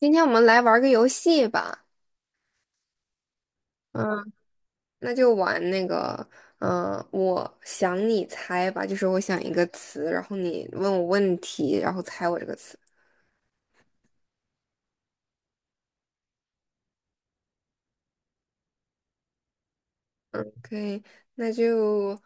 今天我们来玩个游戏吧，嗯，那就玩那个，我想你猜吧，就是我想一个词，然后你问我问题，然后猜我这个词。OK,那就，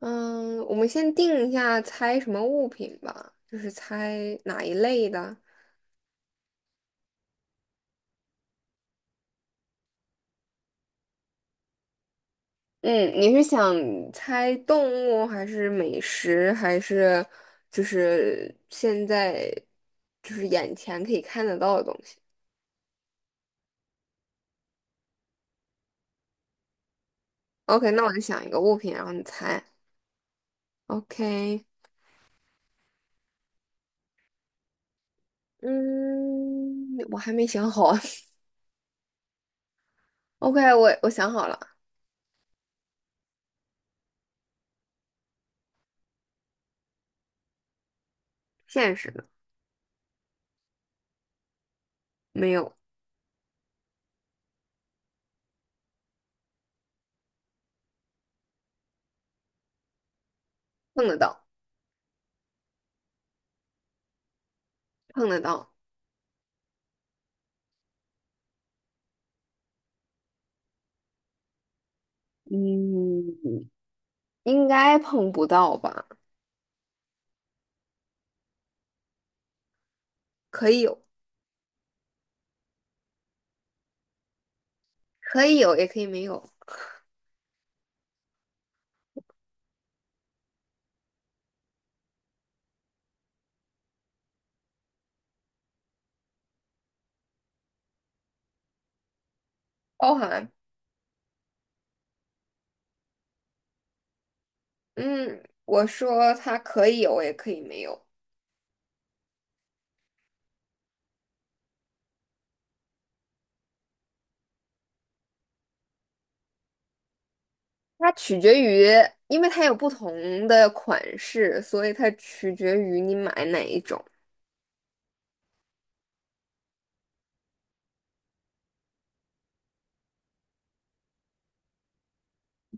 我们先定一下猜什么物品吧，就是猜哪一类的。嗯，你是想猜动物，还是美食，还是就是现在就是眼前可以看得到的东西？OK，那我就想一个物品，然后你猜。OK,嗯，我还没想好啊 OK,我想好了，现实的，没有，碰得到，碰得到，嗯，应该碰不到吧？可以有，可以有，也可以没有，包含，嗯，我说它可以有，也可以没有，它取决于，因为它有不同的款式，所以它取决于你买哪一种。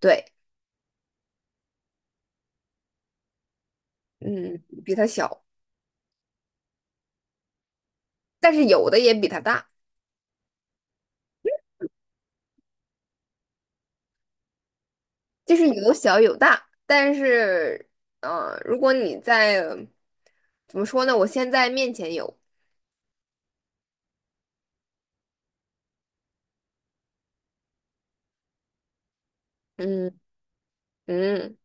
对，嗯，比它小，但是有的也比它大。就是有小有大，但是，如果你在，怎么说呢？我现在面前有，嗯嗯，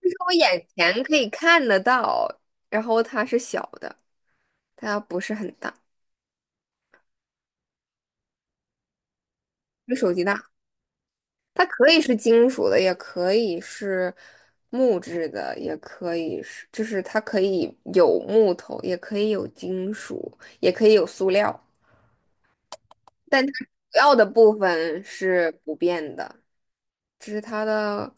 就是我眼前可以看得到，然后它是小的，它不是很大，比手机大。它可以是金属的，也可以是木质的，也可以是，就是它可以有木头，也可以有金属，也可以有塑料，但它主要的部分是不变的，这是它的。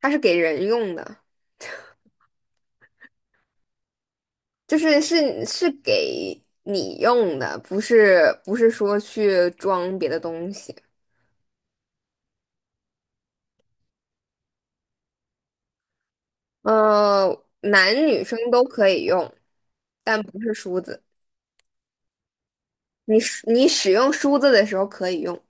它是给人用的，就是给你用的，不是说去装别的东西。呃，男女生都可以用，但不是梳子。你使用梳子的时候可以用，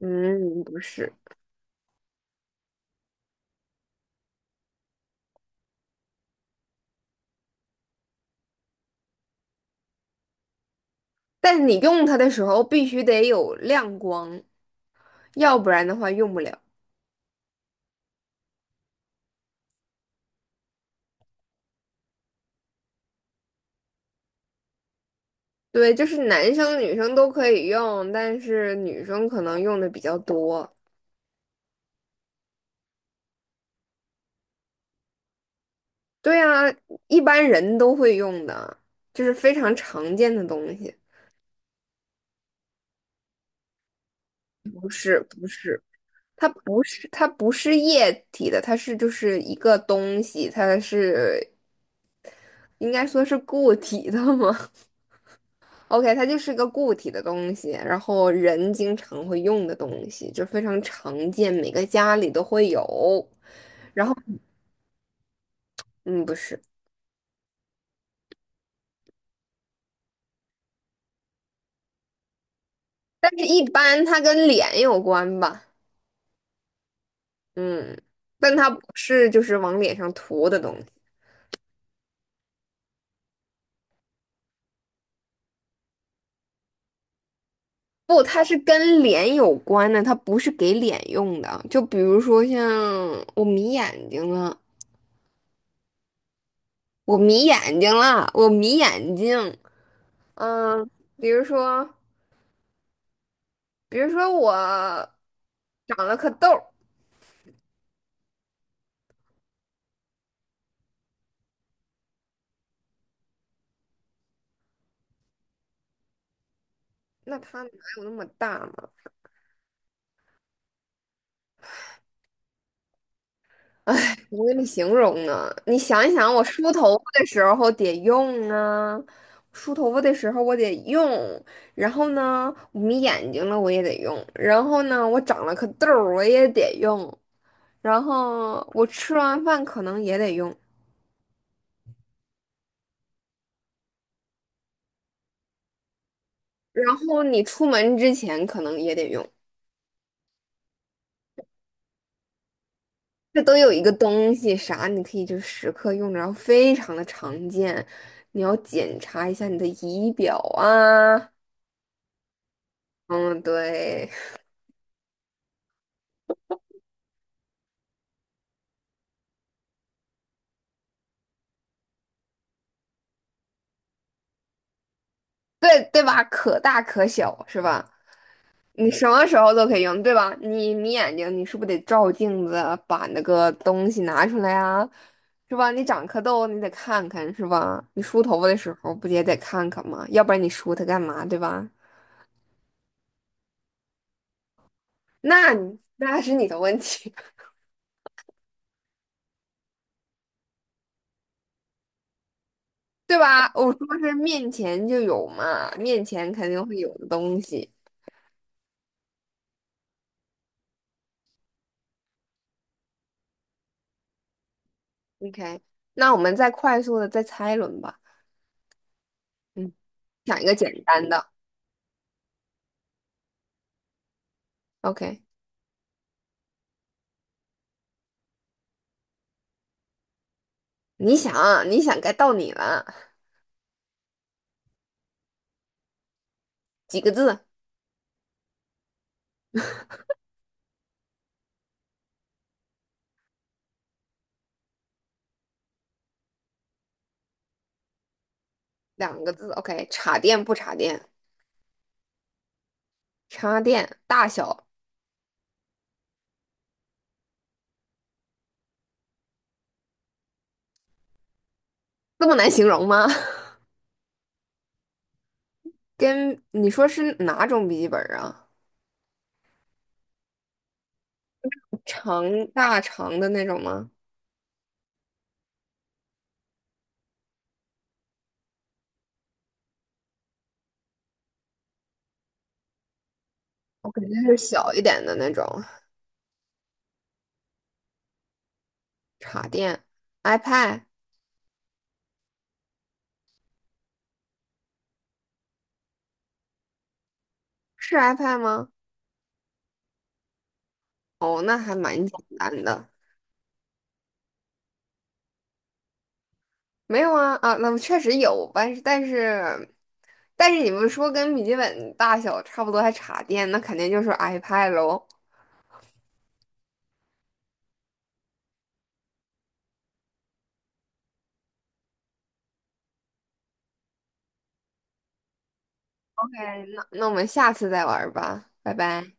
嗯，不是。但是你用它的时候必须得有亮光，要不然的话用不了。对，就是男生女生都可以用，但是女生可能用的比较多。对啊，一般人都会用的，就是非常常见的东西。不是，不是，它不是，它不是液体的，它是就是一个东西，它是应该说是固体的吗 ？OK，它就是个固体的东西，然后人经常会用的东西，就非常常见，每个家里都会有。嗯，不是，但是一般它跟脸有关吧？嗯，但它不是就是往脸上涂的东西。不，它是跟脸有关的，它不是给脸用的。就比如说像我迷眼睛了，我迷眼睛了，我迷眼睛。嗯，比如说，比如说我长了颗痘儿，那它哪有那么大呢？哎，我给你形容啊，你想一想，我梳头发的时候得用啊，梳头发的时候我得用，然后呢，我眯眼睛了我也得用，然后呢，我长了颗痘儿我也得用，然后我吃完饭可能也得用，然后你出门之前可能也得用，这都有一个东西啥，你可以就时刻用着，然后非常的常见，你要检查一下你的仪表啊，嗯，对。对对吧？可大可小是吧？你什么时候都可以用，对吧？你眯眼睛，你是不是得照镜子，把那个东西拿出来啊？是吧？你长颗痘，你得看看是吧？你梳头发的时候不也得看看吗？要不然你梳它干嘛，对吧？那你那是你的问题，对吧？我说是面前就有嘛，面前肯定会有的东西。OK，那我们再快速的再猜一轮吧。嗯，想一个简单的。OK。你想啊你想，该到你了。几个字？两个字。OK，插电不插电？插电大小这么难形容吗？跟你说是哪种笔记本啊？长大长的那种吗？我肯定是小一点的那种。插电，iPad 是 iPad 吗？哦，那还蛮简单的。没有啊啊，那确实有，但是你们说跟笔记本大小差不多还插电，那肯定就是 iPad 喽。o 那我们下次再玩儿吧，拜拜。